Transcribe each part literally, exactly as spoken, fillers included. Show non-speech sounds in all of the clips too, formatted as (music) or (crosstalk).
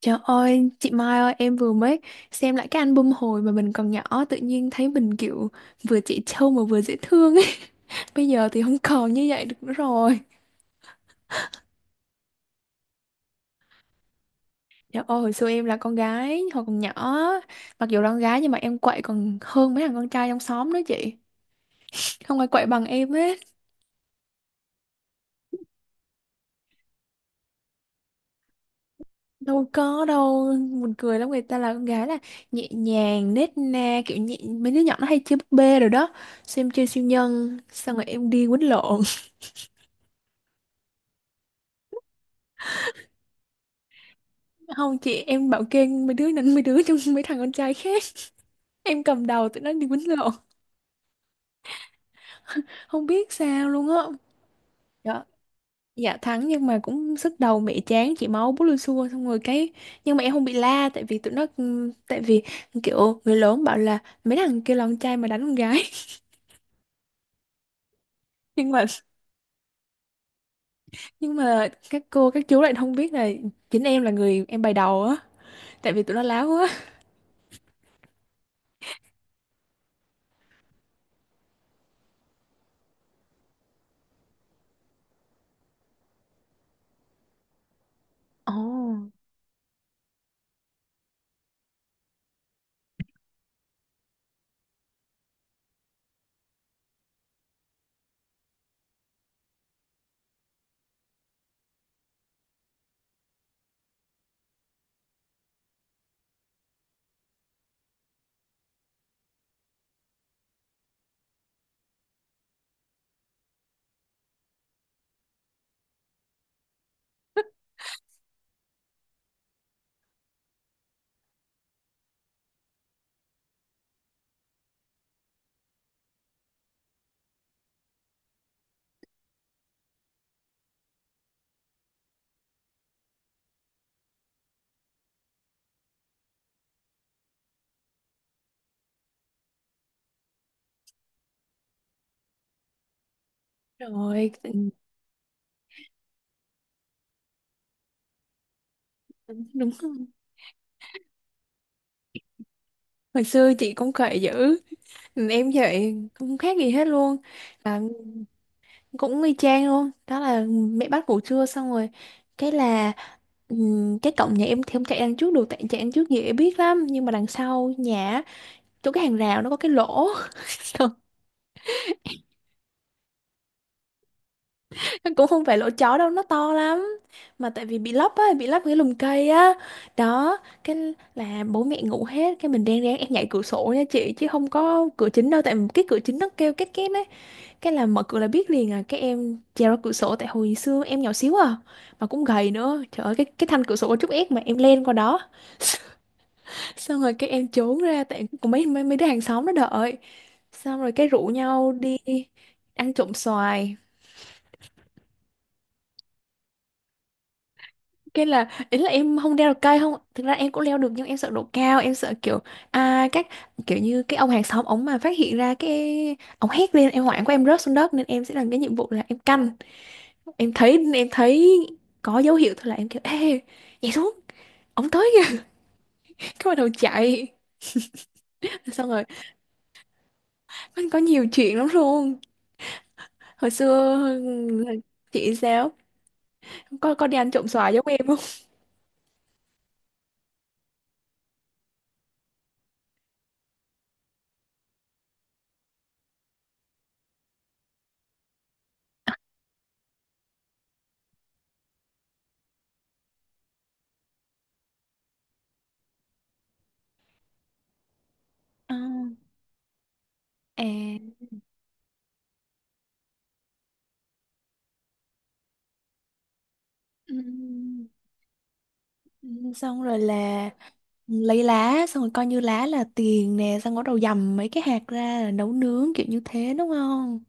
Trời ơi, chị Mai ơi, em vừa mới xem lại cái album hồi mà mình còn nhỏ, tự nhiên thấy mình kiểu vừa trẻ trâu mà vừa dễ thương ấy. (laughs) Bây giờ thì không còn như vậy được nữa rồi. Trời ơi, hồi xưa em là con gái, hồi còn nhỏ, mặc dù là con gái nhưng mà em quậy còn hơn mấy thằng con trai trong xóm nữa chị. Không ai quậy bằng em hết. Đâu có đâu, buồn cười lắm, người ta là con gái là nhẹ nhàng, nết na, kiểu nhẹ, mấy đứa nhỏ nó hay chơi búp bê rồi đó. Xem chơi siêu nhân, xong rồi em đi quýnh lộn. Không chị, em bảo kê mấy đứa đánh mấy đứa (laughs) trong mấy thằng con trai khác. Em cầm đầu tụi nó đi quýnh lộn. Không biết sao luôn á. Đó. Dạ thắng nhưng mà cũng sức đầu mẹ chán chị máu bút lưu xua xong rồi cái nhưng mà em không bị la tại vì tụi nó ừm, tại vì kiểu người lớn bảo là mấy thằng kia là con trai mà đánh con gái. (laughs) nhưng mà nhưng mà các cô các chú lại không biết là chính em là người em bày đầu á tại vì tụi nó láo quá. Ồ. Rồi đúng không? Hồi xưa chị cũng khỏe dữ. Ừ, em vậy không khác gì hết luôn. À, cũng y chang luôn đó là mẹ bắt ngủ trưa xong rồi cái là ừm, cái cổng nhà em thì không chạy đằng trước được tại chạy đằng trước dễ biết lắm, nhưng mà đằng sau nhà á, chỗ cái hàng rào nó có cái lỗ. (laughs) Nó cũng không phải lỗ chó đâu, nó to lắm, mà tại vì bị lấp á, bị lấp cái lùm cây á. Đó. Cái là bố mẹ ngủ hết, cái mình reng rén em nhảy cửa sổ nha chị, chứ không có cửa chính đâu tại cái cửa chính nó kêu két két đấy. Cái là mở cửa là biết liền à, cái em trèo ra cửa sổ tại hồi xưa em nhỏ xíu à, mà cũng gầy nữa. Trời ơi, cái cái thanh cửa sổ có chút ép mà em lên qua đó. (laughs) Xong rồi cái em trốn ra tại có mấy mấy mấy đứa hàng xóm nó đợi, xong rồi cái rủ nhau đi ăn trộm xoài. Cái là ý là em không leo được cây, không thực ra em cũng leo được nhưng em sợ độ cao, em sợ kiểu à các kiểu như cái ông hàng xóm ống mà phát hiện ra cái ông hét lên em hoảng quá em rớt xuống đất, nên em sẽ làm cái nhiệm vụ là em canh. Em thấy em thấy có dấu hiệu thôi là em kiểu ê, nhảy xuống, ống tới kìa. (laughs) Cái bắt đầu chạy. Xong rồi anh có nhiều chuyện lắm luôn hồi xưa là chị sao có có đi ăn trộm xoài giống em không? Ờ, à, ừm, ừm, xong rồi là lấy lá, xong rồi coi như lá là tiền nè, xong rồi bắt đầu dầm mấy cái hạt ra là nấu nướng kiểu như thế đúng không?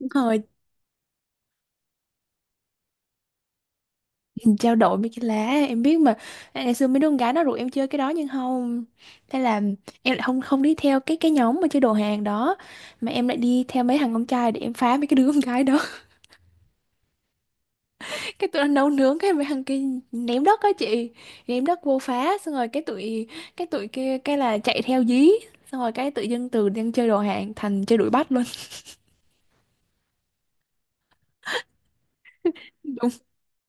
Đúng rồi. (laughs) Trao đổi mấy cái lá. Em biết mà. À, ngày xưa mấy đứa con gái nó rủ em chơi cái đó nhưng không, thế là em lại không không đi theo cái cái nhóm mà chơi đồ hàng đó, mà em lại đi theo mấy thằng con trai để em phá mấy cái đứa con gái đó. (laughs) Cái tụi nó nấu nướng, cái mấy thằng kia ném đất á chị, ném đất vô phá, xong rồi cái tụi cái tụi kia cái là chạy theo dí. Xong rồi cái tự dưng từ đang chơi đồ hàng thành chơi đuổi bắt luôn. (laughs)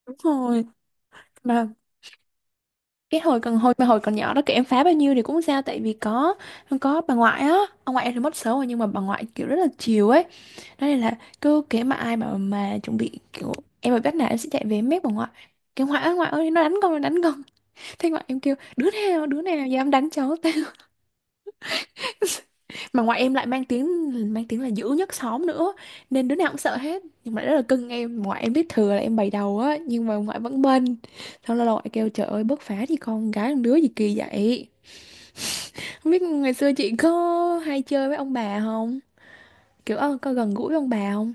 Đúng rồi. Mà cái hồi còn hồi mà hồi còn nhỏ đó kiểu em phá bao nhiêu thì cũng không sao tại vì có có bà ngoại á. Ông ngoại em thì mất sớm rồi nhưng mà bà ngoại kiểu rất là chiều ấy đó, nên là cứ kể mà ai mà mà chuẩn bị kiểu em ở bếp nào em sẽ chạy về em mép bà ngoại, cái ngoại ơi ngoại ơi nó đánh con nó đánh con. Thế ngoại em kêu đứa nào đứa nào dám đánh cháu tao. Mà ngoại em lại mang tiếng, mang tiếng là dữ nhất xóm nữa, nên đứa nào cũng sợ hết, nhưng mà rất là cưng em. Ngoại em biết thừa là em bày đầu á nhưng mà ngoại vẫn bênh. Xong lâu lâu ngoại kêu trời ơi bớt phá thì, con gái con đứa gì kỳ vậy. Không biết ngày xưa chị có hay chơi với ông bà không, kiểu ơ có gần gũi với ông bà không?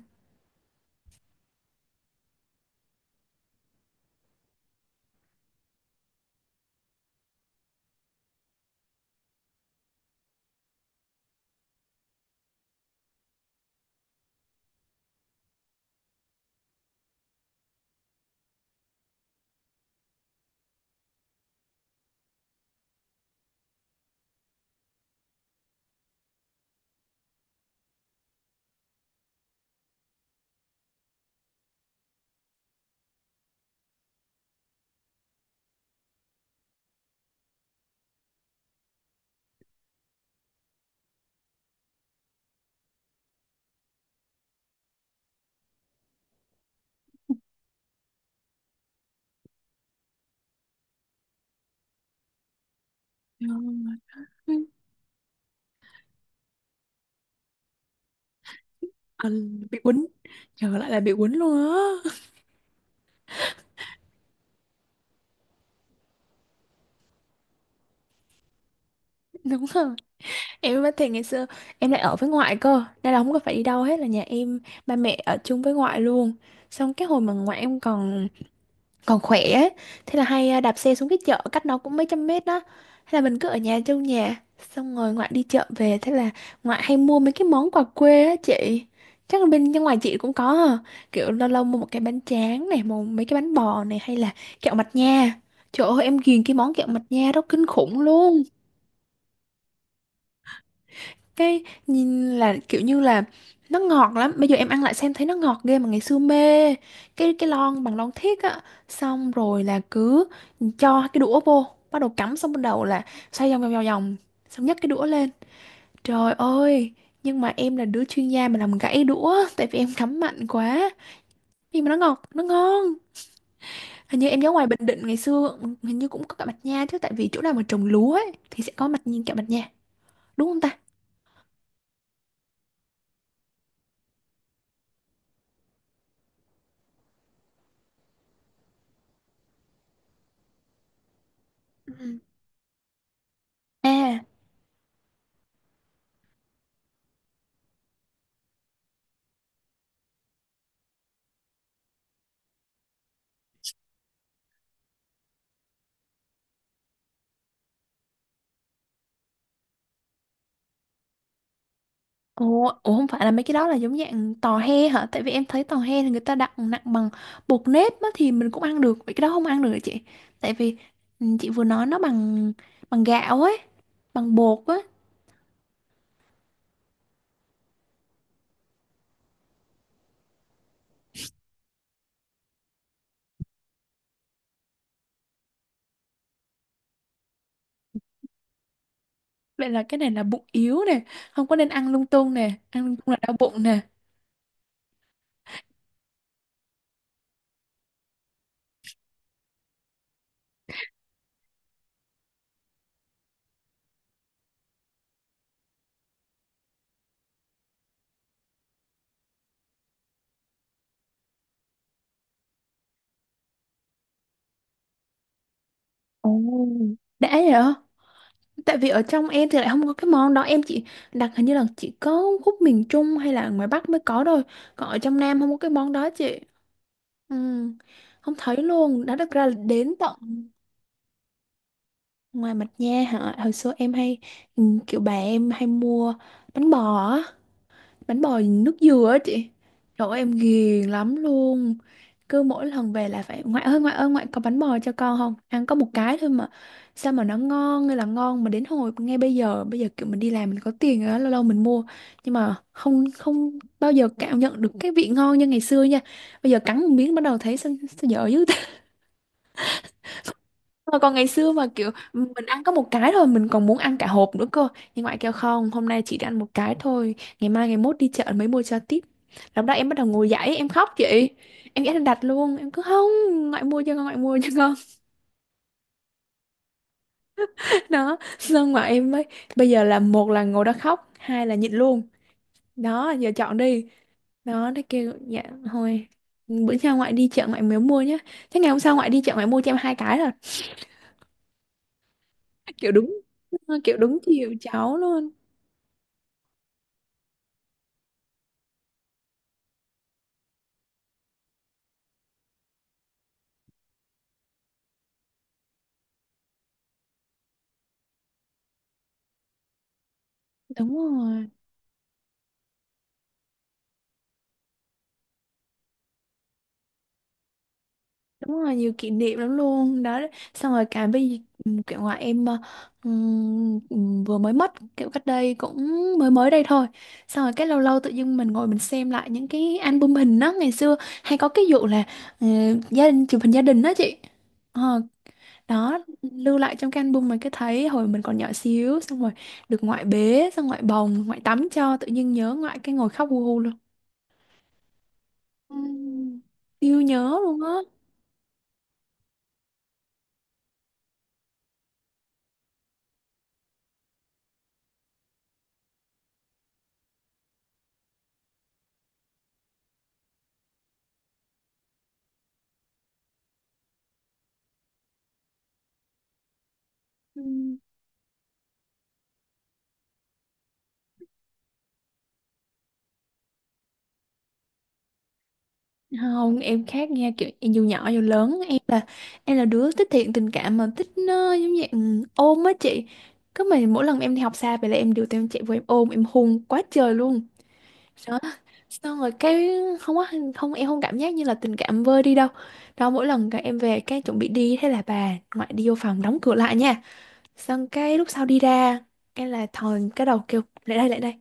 Ừ. Ờ, bị quýnh, trời lại là bị quýnh luôn á. (laughs) Đúng rồi. Em mới thì ngày xưa em lại ở với ngoại cơ, nên là không có phải đi đâu hết, là nhà em ba mẹ ở chung với ngoại luôn. Xong cái hồi mà ngoại em còn còn khỏe ấy. Thế là hay à, đạp xe xuống cái chợ cách nó cũng mấy trăm mét đó, thế là mình cứ ở nhà, trong nhà, xong rồi ngoại đi chợ về, thế là ngoại hay mua mấy cái món quà quê á chị. Chắc là bên bên ngoài chị cũng có hả? Kiểu lâu lâu mua một cái bánh tráng này, một mấy cái bánh bò này, hay là kẹo mạch nha. Trời ơi, em ghiền cái món kẹo mạch nha đó kinh khủng luôn. Cái nhìn là kiểu như là nó ngọt lắm, bây giờ em ăn lại xem thấy nó ngọt ghê mà ngày xưa mê. Cái cái lon bằng lon thiếc á, xong rồi là cứ cho cái đũa vô bắt đầu cắm, xong bắt đầu là xoay vòng vòng vòng vòng, xong nhấc cái đũa lên, trời ơi. Nhưng mà em là đứa chuyên gia mà làm gãy đũa (laughs) tại vì em cắm mạnh quá, nhưng mà nó ngọt nó ngon. Hình như em nhớ ngoài Bình Định ngày xưa hình như cũng có cả mạch nha chứ, tại vì chỗ nào mà trồng lúa ấy thì sẽ có mặt nhìn cả mạch nha, đúng không ta? Ừ. À. Ủa, ủa không phải là mấy cái đó là giống dạng tò he hả? Tại vì em thấy tò he là người ta đặng nặng bằng bột nếp á, thì mình cũng ăn được, vậy cái đó không ăn được hả chị? Tại vì ừ, chị vừa nói nó bằng bằng gạo ấy, bằng bột á. Vậy là cái này là bụng yếu nè, không có nên ăn lung tung nè, ăn lung tung là đau bụng nè. Ồ. Đã vậy hả? Tại vì ở trong em thì lại không có cái món đó. Em chỉ đặt hình như là chỉ có khúc miền Trung hay là ngoài Bắc mới có thôi. Còn ở trong Nam không có cái món đó chị. Ừ, không thấy luôn nó được ra là đến tận ngoài mặt nha hả, hồi xưa em hay ừ, kiểu bà em hay mua bánh bò á, bánh bò nước dừa á chị. Trời ơi, em ghiền lắm luôn, cứ mỗi lần về là phải ngoại ơi ngoại ơi ngoại có bánh bò cho con không, ăn có một cái thôi mà sao mà nó ngon, hay là ngon mà đến hồi ngay bây giờ bây giờ kiểu mình đi làm mình có tiền rồi đó, lâu lâu mình mua, nhưng mà không không bao giờ cảm nhận được cái vị ngon như ngày xưa nha. Bây giờ cắn một miếng bắt đầu thấy sao, sao dở dữ. Mà còn ngày xưa mà kiểu mình ăn có một cái thôi mình còn muốn ăn cả hộp nữa cơ, nhưng ngoại kêu không, hôm nay chỉ ăn một cái thôi, ngày mai ngày mốt đi chợ mới mua cho tiếp. Lúc đó em bắt đầu ngồi dậy em khóc chị, em ghét đặt luôn em cứ không, ngoại mua cho con ngoại mua cho con. (laughs) Đó xong mà em mới bây giờ là một là ngồi đó khóc, hai là nhịn luôn, đó giờ chọn đi. Đó nó kêu dạ thôi, bữa sau ngoại đi chợ ngoại mới mua nhá. Thế ngày hôm sau ngoại đi chợ ngoại mua cho em hai cái rồi. Kiểu đúng kiểu đúng chiều cháu luôn. Đúng rồi. Đúng rồi, nhiều kỷ niệm lắm luôn đó. Xong rồi cả bây kiểu ngoại em ờ, ừm, ừm, vừa mới mất kiểu cách đây cũng mới mới đây thôi. Xong rồi cái lâu lâu tự dưng mình ngồi mình xem lại những cái album hình đó ngày xưa, hay có cái vụ là ờ, gia đình chụp hình gia đình đó chị. Ờ, đó lưu lại trong cái album, mình cứ thấy hồi mình còn nhỏ xíu xong rồi được ngoại bế, xong ngoại bồng ngoại tắm cho, tự nhiên nhớ ngoại cái ngồi khóc hu hu luôn. Ừm, siêu nhớ luôn á. Ừ. Không em khác nha, kiểu em dù nhỏ dù lớn em là em là đứa thích thiện tình cảm, mà thích nó giống như ừ, ôm á chị. Cứ mà mỗi lần em đi học xa về là em đều tụi em chạy vô em ôm em hôn quá trời luôn. Đó xong rồi cái không có, không em không cảm giác như là tình cảm vơi đi đâu. Đó mỗi lần các em về cái chuẩn bị đi, thế là bà ngoại đi vô phòng đóng cửa lại nha. Xong cái lúc sau đi ra, cái là thòn cái đầu kêu lại đây lại đây,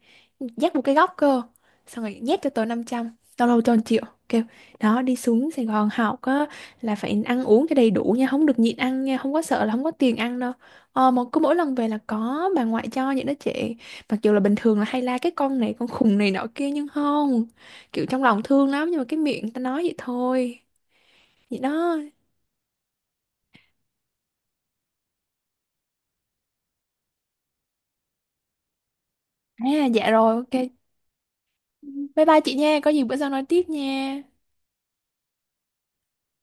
dắt một cái góc cơ. Xong rồi nhét cho tớ năm trăm, tao lâu cho một triệu. Kêu đó đi xuống Sài Gòn học á, là phải ăn uống cho đầy đủ nha, không được nhịn ăn nha, không có sợ là không có tiền ăn đâu. Ờ mà cứ mỗi lần về là có bà ngoại cho những đứa trẻ. Mặc dù là bình thường là hay la cái con này, con khùng này nọ kia, nhưng không, kiểu trong lòng thương lắm, nhưng mà cái miệng ta nói vậy thôi. Vậy đó. À dạ rồi, ok. Bye bye chị nha, có gì bữa sau nói tiếp nha.